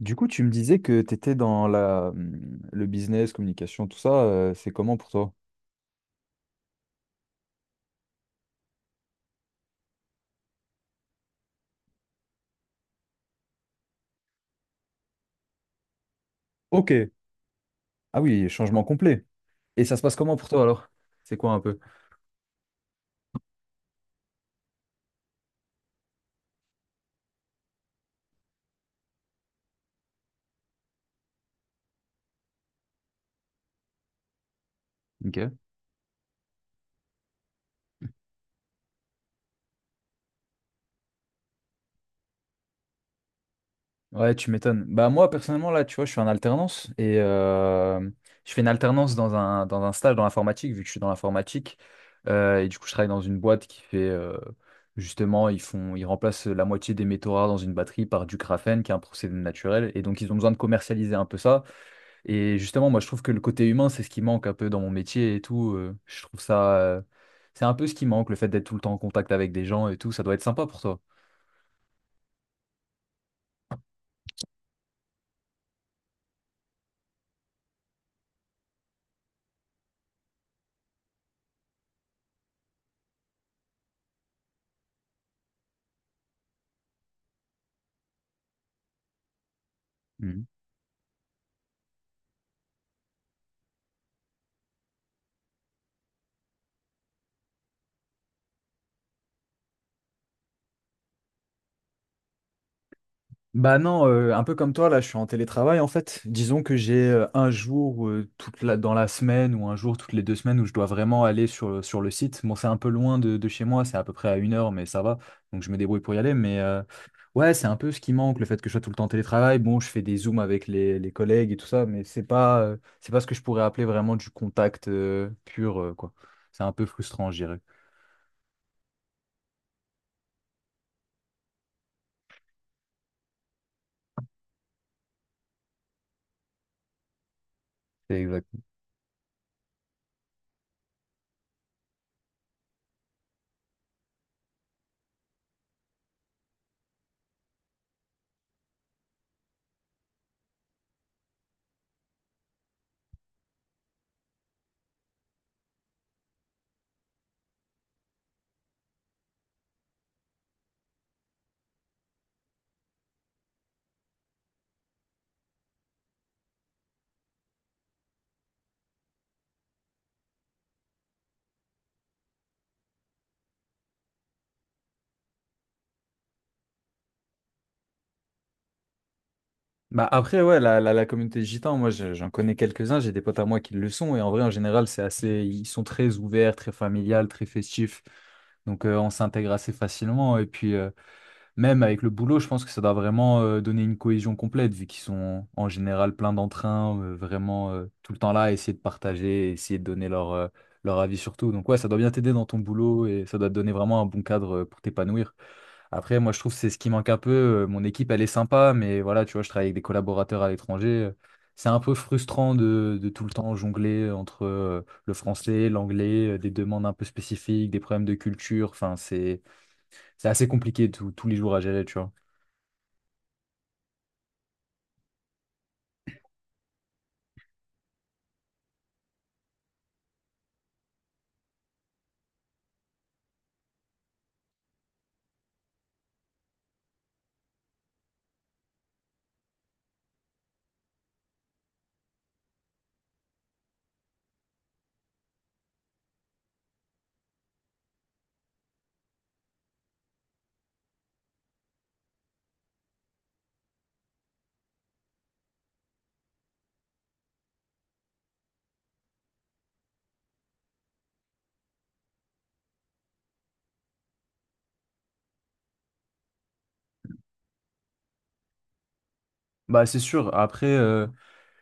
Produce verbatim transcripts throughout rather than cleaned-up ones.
Du coup, tu me disais que tu étais dans la, mmh, le business, communication, tout ça, euh, c'est comment pour toi? Ok. Ah oui, changement complet. Et ça se passe comment pour toi alors? C'est quoi un peu? Ok. Ouais, tu m'étonnes. Bah moi, personnellement, là, tu vois, je suis en alternance et euh, je fais une alternance dans un, dans un stage dans l'informatique, vu que je suis dans l'informatique. Euh, et du coup, je travaille dans une boîte qui fait, euh, justement, ils font, ils remplacent la moitié des métaux rares dans une batterie par du graphène, qui est un procédé naturel. Et donc, ils ont besoin de commercialiser un peu ça. Et justement, moi, je trouve que le côté humain, c'est ce qui manque un peu dans mon métier et tout. Euh, je trouve ça, euh, c'est un peu ce qui manque, le fait d'être tout le temps en contact avec des gens et tout. Ça doit être sympa pour toi. Mm. Bah non, euh, un peu comme toi, là, je suis en télétravail en fait. Disons que j'ai euh, un jour euh, toute la, dans la semaine ou un jour toutes les deux semaines où je dois vraiment aller sur, sur le site. Bon, c'est un peu loin de, de chez moi, c'est à peu près à une heure, mais ça va. Donc je me débrouille pour y aller. Mais euh, ouais, c'est un peu ce qui manque, le fait que je sois tout le temps en télétravail. Bon, je fais des zooms avec les, les collègues et tout ça, mais c'est pas, euh, c'est pas ce que je pourrais appeler vraiment du contact euh, pur, euh, quoi. C'est un peu frustrant, je dirais. Bah après, ouais, la, la, la communauté gitane moi je- j'en connais quelques-uns, j'ai des potes à moi qui le sont, et en vrai, en général, c'est assez, ils sont très ouverts, très familial, très festifs, donc euh, on s'intègre assez facilement, et puis euh, même avec le boulot, je pense que ça doit vraiment euh, donner une cohésion complète, vu qu'ils sont en général plein d'entrain, euh, vraiment euh, tout le temps là, à essayer de partager, essayer de donner leur, euh, leur avis sur tout, donc ouais, ça doit bien t'aider dans ton boulot, et ça doit te donner vraiment un bon cadre euh, pour t'épanouir. Après, moi, je trouve que c'est ce qui manque un peu. Euh, Mon équipe, elle est sympa, mais voilà, tu vois, je travaille avec des collaborateurs à l'étranger. euh, C'est un peu frustrant de, de tout le temps jongler entre euh, le français, l'anglais, euh, des demandes un peu spécifiques, des problèmes de culture. Enfin, c'est, c'est assez compliqué tous tous les jours à gérer, tu vois. Bah, c'est sûr. Après, euh,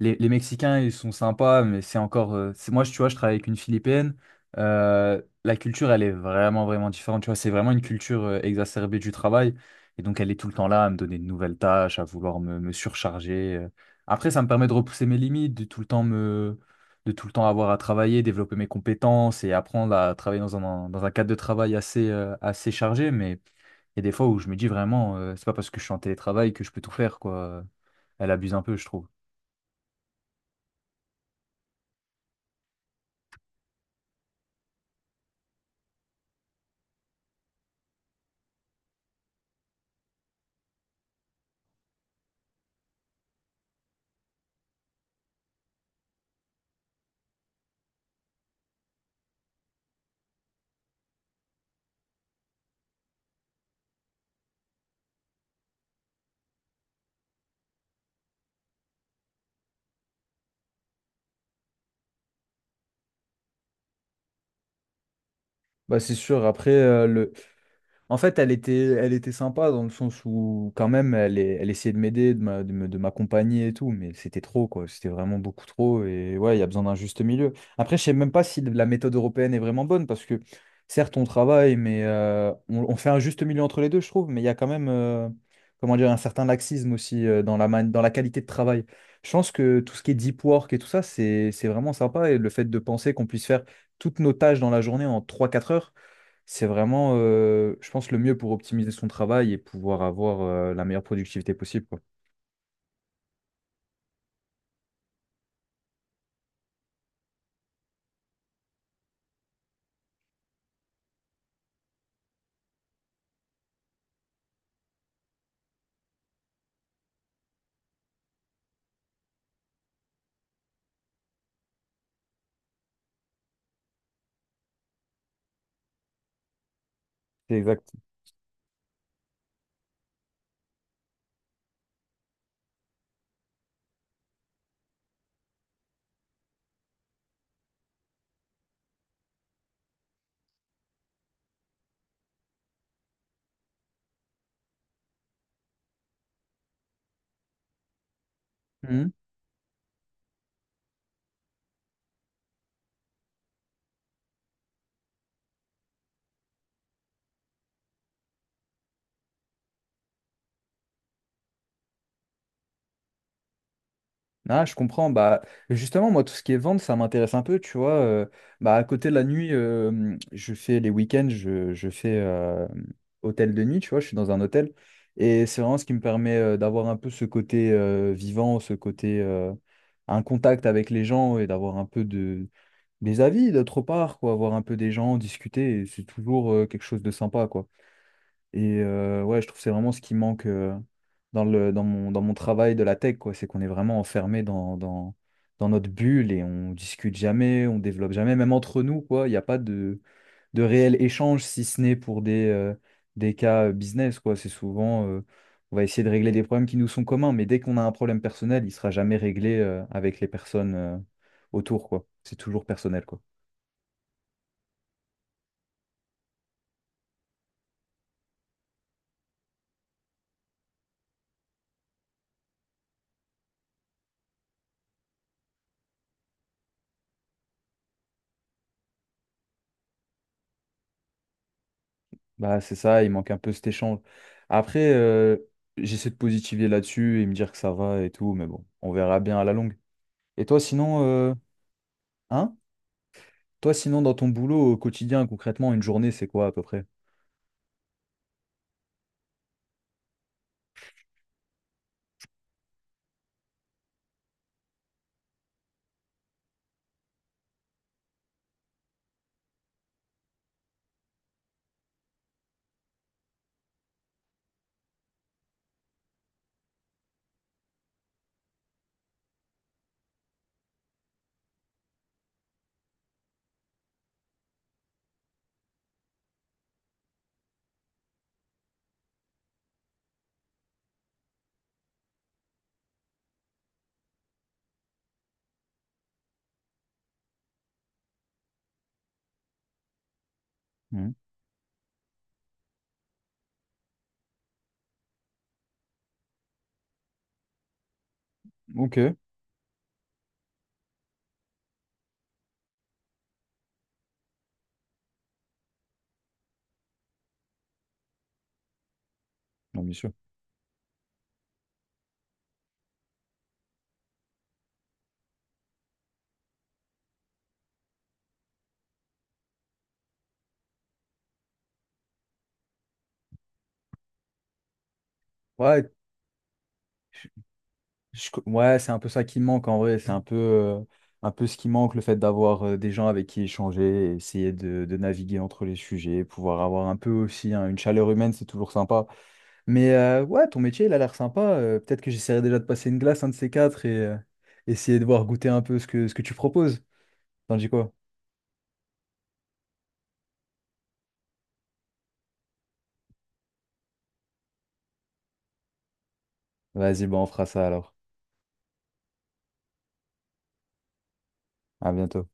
les, les Mexicains, ils sont sympas, mais c'est encore. Euh, c'est, moi, je- tu vois, je travaille avec une Philippine. Euh, la culture, elle est vraiment, vraiment différente. Tu vois, c'est vraiment une culture euh, exacerbée du travail. Et donc, elle est tout le temps là à me donner de nouvelles tâches, à vouloir me, me surcharger. euh. Après, ça me permet de repousser mes limites, de tout le temps me, de tout le temps avoir à travailler, développer mes compétences et apprendre à travailler dans un, dans un cadre de travail assez, euh, assez chargé. Mais il y a des fois où je me dis vraiment, euh, c'est pas parce que je suis en télétravail que je peux tout faire, quoi. Elle abuse un peu, je trouve. Bah c'est sûr, après, euh, le... En fait, elle était, elle était sympa dans le sens où, quand même, elle, est- elle essayait de m'aider, de m'a- de me- de m'accompagner et tout, mais c'était trop, quoi. C'était vraiment beaucoup trop. Et ouais, il y a besoin d'un juste milieu. Après, je sais même pas si la méthode européenne est vraiment bonne parce que, certes, on travaille, mais euh, on, on fait un juste milieu entre les deux, je trouve. Mais il y a quand même, euh, comment dire, un certain laxisme aussi euh, dans la, man- dans la qualité de travail. Je pense que tout ce qui est deep work et tout ça, c'est, c'est vraiment sympa. Et le fait de penser qu'on puisse faire toutes nos tâches dans la journée en trois quatre heures. C'est vraiment, euh, je pense, le mieux pour optimiser son travail et pouvoir avoir euh, la meilleure productivité possible, quoi. C'est exact. Mhm. Ah, je comprends. Bah, justement, moi, tout ce qui est vente, ça m'intéresse un peu, tu vois. Euh, bah, à côté de la nuit, euh, je fais les week-ends, je, je fais euh, hôtel de nuit, tu vois, je suis dans un hôtel. Et c'est vraiment ce qui me permet euh, d'avoir un peu ce côté euh, vivant, ce côté euh, un contact avec les gens et d'avoir un peu de, des avis d'autre part, quoi, voir un peu des gens, discuter, et c'est toujours euh, quelque chose de sympa, quoi. Et euh, ouais, je trouve que c'est vraiment ce qui manque euh, dans le, dans mon, dans mon travail de la tech, quoi, c'est qu'on est vraiment enfermé dans, dans, dans notre bulle et on discute jamais, on développe jamais, même entre nous, quoi, il n'y a pas de, de réel échange, si ce n'est pour des, euh, des cas business, quoi. C'est souvent, euh, on va essayer de régler des problèmes qui nous sont communs, mais dès qu'on a un problème personnel, il sera jamais réglé euh, avec les personnes euh, autour, quoi. C'est toujours personnel, quoi. Bah, c'est ça, il manque un peu cet échange. Après, euh, j'essaie de positiver là-dessus et me dire que ça va et tout, mais bon, on verra bien à la longue. Et toi, sinon, euh, hein? Toi, sinon, dans ton boulot au quotidien, concrètement, une journée, c'est quoi à peu près? Mhm. Ok, non, bien sûr. Ouais, je- je co- ouais, c'est un peu ça qui me manque en vrai. C'est un peu, euh, un peu ce qui manque, le fait d'avoir euh, des gens avec qui échanger, essayer de, de naviguer entre les sujets, pouvoir avoir un peu aussi hein, une chaleur humaine, c'est toujours sympa. Mais euh, ouais, ton métier, il a l'air sympa. Euh, peut-être que j'essaierai déjà de passer une glace, un de ces quatre, et euh, essayer de voir goûter un peu ce que, ce que tu proposes. T'en dis quoi? Vas-y, bon, on fera ça alors. À bientôt.